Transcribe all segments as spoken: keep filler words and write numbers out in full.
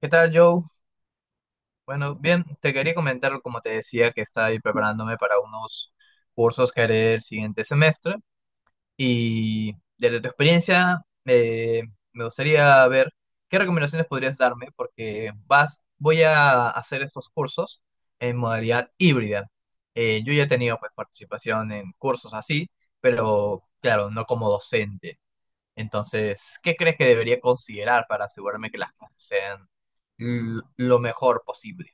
¿Qué tal, Joe? Bueno, bien, te quería comentar, como te decía, que estoy preparándome para unos cursos que haré el siguiente semestre y desde tu experiencia eh, me gustaría ver qué recomendaciones podrías darme porque vas, voy a hacer estos cursos en modalidad híbrida. Eh, yo ya he tenido pues, participación en cursos así, pero claro, no como docente. Entonces, ¿qué crees que debería considerar para asegurarme que las clases sean l- lo mejor posible?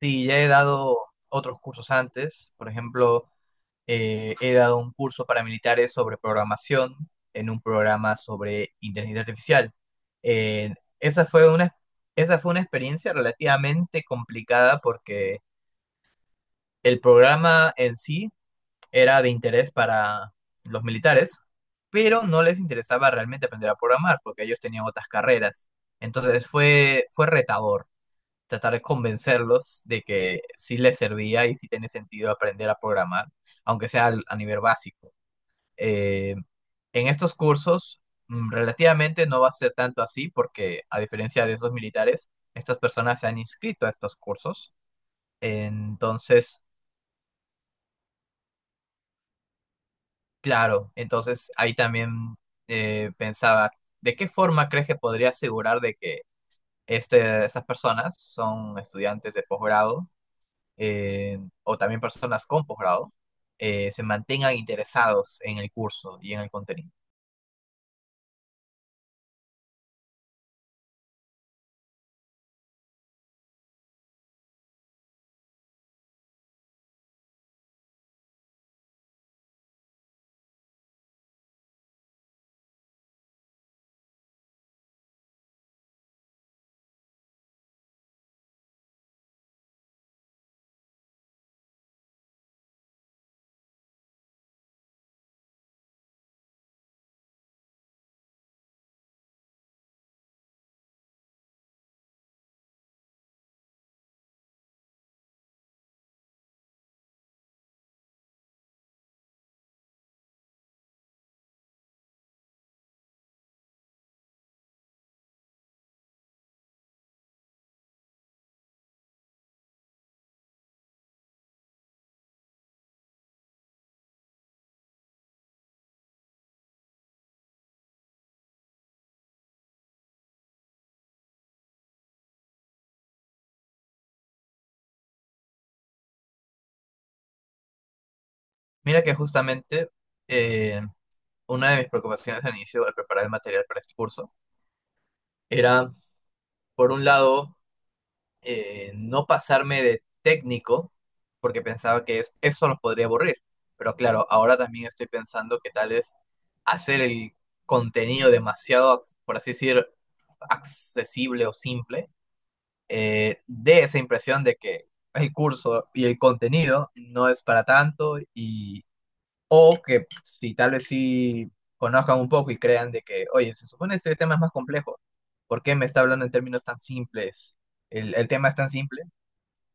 Sí, ya he dado otros cursos antes, por ejemplo, eh, he dado un curso para militares sobre programación en un programa sobre inteligencia artificial. Eh, esa fue una, esa fue una experiencia relativamente complicada porque el programa en sí era de interés para los militares, pero no les interesaba realmente aprender a programar porque ellos tenían otras carreras. Entonces fue, fue retador tratar de convencerlos de que sí les servía y sí tiene sentido aprender a programar, aunque sea al- a nivel básico. Eh, en estos cursos mm, relativamente no va a ser tanto así porque a diferencia de esos militares, estas personas se han inscrito a estos cursos. Entonces. Claro, entonces ahí también eh, pensaba, ¿de qué forma crees que podría asegurar de que este, esas personas son estudiantes de posgrado eh, o también personas con posgrado eh, se mantengan interesados en el curso y en el contenido? Mira que justamente eh, una de mis preocupaciones al inicio al preparar el material para este curso era, por un lado, eh, no pasarme de técnico porque pensaba que es- eso los podría aburrir. Pero claro, ahora también estoy pensando que tal es hacer el contenido demasiado, ac- por así decir, accesible o simple, eh, dé esa impresión de que el curso y el contenido no es para tanto y o que si tal vez sí conozcan un poco y crean de que, oye, se supone que este tema es más complejo, ¿por qué me está hablando en términos tan simples? El, el tema es tan simple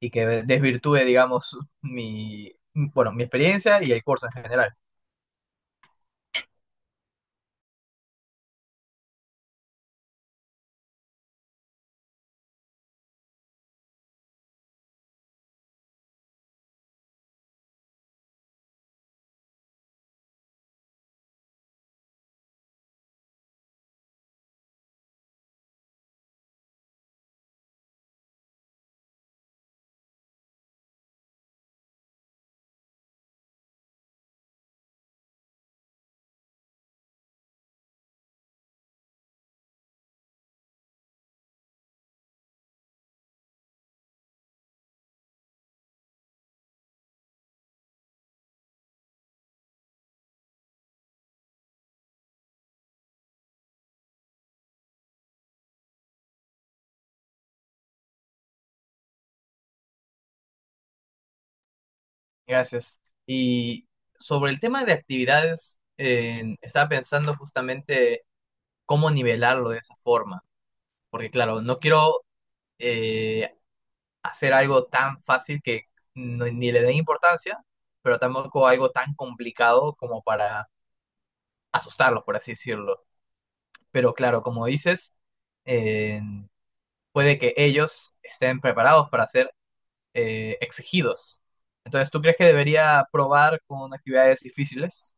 y que desvirtúe, digamos, mi, bueno, mi experiencia y el curso en general. Gracias. Y sobre el tema de actividades, eh, estaba pensando justamente cómo nivelarlo de esa forma, porque claro, no quiero eh, hacer algo tan fácil que no- ni le den importancia, pero tampoco algo tan complicado como para asustarlos, por así decirlo. Pero claro, como dices, eh, puede que ellos estén preparados para hacer eh, exigidos. Entonces, ¿tú crees que debería probar con actividades difíciles?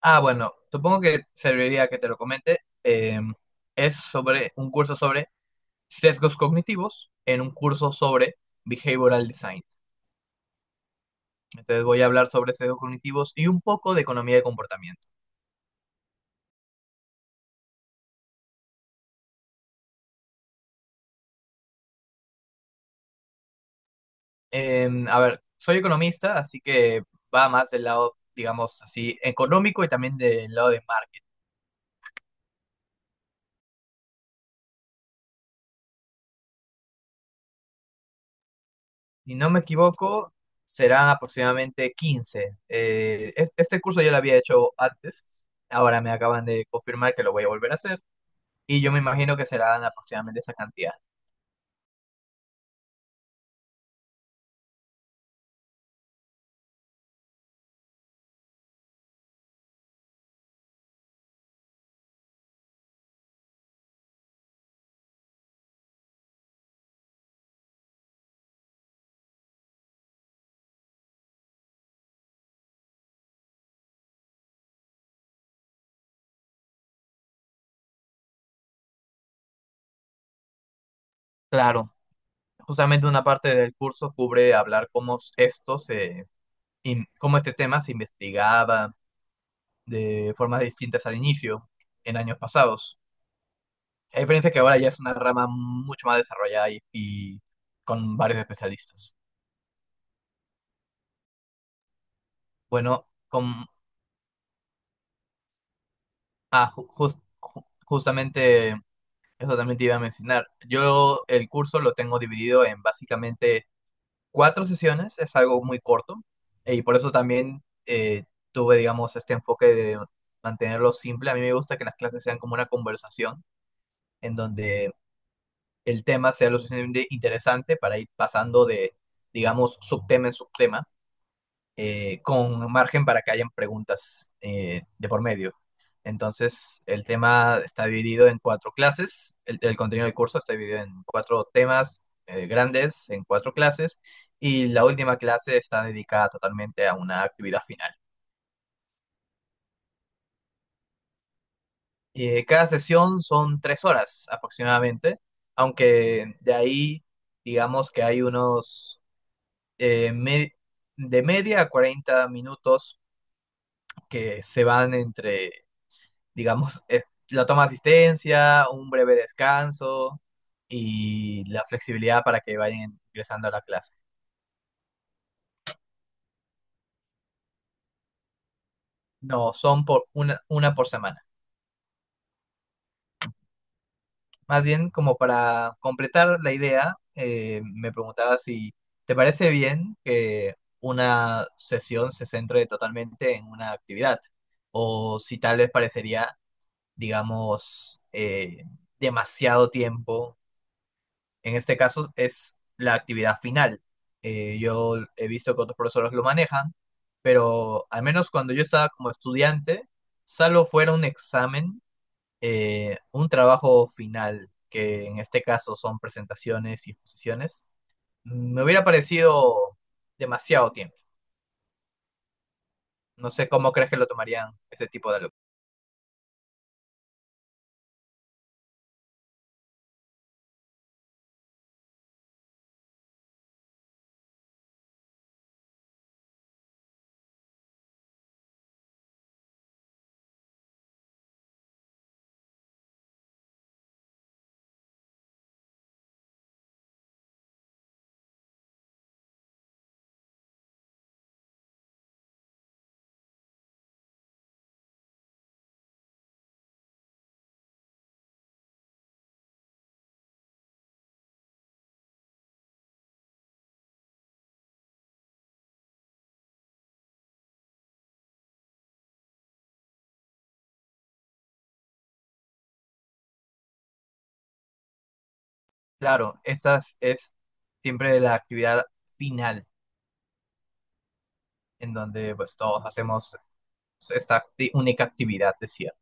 Ah, bueno, supongo que serviría que te lo comente. Eh, es sobre un curso sobre sesgos cognitivos en un curso sobre behavioral design. Entonces voy a hablar sobre sesgos cognitivos y un poco de economía de comportamiento. Eh, a ver, soy economista, así que va más del lado, digamos así, económico y también del lado de marketing. Si no me equivoco, serán aproximadamente quince. Eh, es- este curso yo lo había hecho antes, ahora me acaban de confirmar que lo voy a volver a hacer y yo me imagino que serán aproximadamente esa cantidad. Claro, justamente una parte del curso cubre hablar cómo esto se, in- cómo este tema se investigaba de formas distintas al inicio en años pasados. A diferencia que ahora ya es una rama mucho más desarrollada y y con varios especialistas. Bueno, con. Ah, ju- jus- ju- justamente eso también te iba a mencionar. Yo el curso lo tengo dividido en básicamente cuatro sesiones, es algo muy corto y por eso también eh, tuve, digamos, este enfoque de mantenerlo simple. A mí me gusta que las clases sean como una conversación en donde el tema sea lo suficientemente interesante para ir pasando de, digamos, subtema en subtema eh, con margen para que hayan preguntas eh, de por medio. Entonces, el tema está dividido en cuatro clases, el, el contenido del curso está dividido en cuatro temas eh, grandes, en cuatro clases, y la última clase está dedicada totalmente a una actividad final. Y eh, cada sesión son tres horas aproximadamente, aunque de ahí, digamos que hay unos eh, me- de media a cuarenta minutos que se van entre digamos, eh, la toma de asistencia, un breve descanso y la flexibilidad para que vayan ingresando a la clase. No, son por una, una por semana. Más bien, como para completar la idea, eh, me preguntaba si te parece bien que una sesión se centre totalmente en una actividad o si tal vez parecería, digamos, eh, demasiado tiempo. En este caso es la actividad final. Eh, yo he visto que otros profesores lo manejan, pero al menos cuando yo estaba como estudiante, salvo fuera un examen, eh, un trabajo final, que en este caso son presentaciones y exposiciones, me hubiera parecido demasiado tiempo. No sé cómo crees que lo tomarían ese tipo de alumnos. Claro, esta es siempre la actividad final, en donde pues todos hacemos esta acti- única actividad, decía.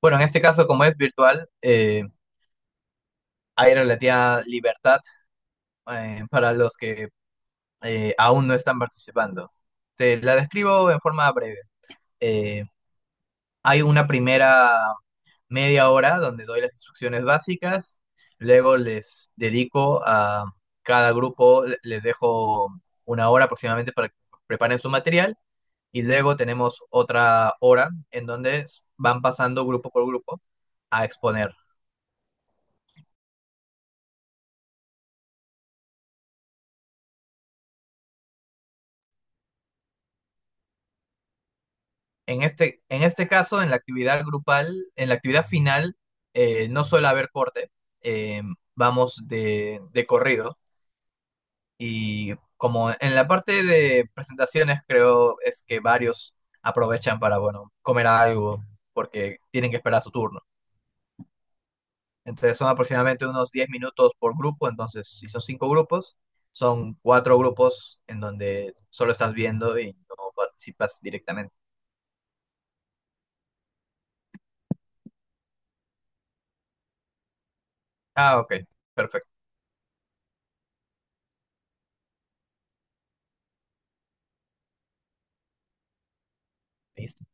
Bueno, en este caso, como es virtual, eh, hay relativa libertad eh, para los que eh, aún no están participando. Te la describo en forma breve. Eh, hay una primera media hora donde doy las instrucciones básicas, luego les dedico a cada grupo, le- les dejo una hora aproximadamente para que preparen su material y luego tenemos otra hora en donde s- van pasando grupo por grupo a exponer. En este, en este caso, en la actividad grupal, en la actividad final, eh, no suele haber corte, eh, vamos de, de corrido y como en la parte de presentaciones creo es que varios aprovechan para, bueno, comer algo porque tienen que esperar su turno. Entonces son aproximadamente unos diez minutos por grupo, entonces si son cinco grupos, son cuatro grupos en donde solo estás viendo y no participas directamente. Ah, ok, perfecto. Listo.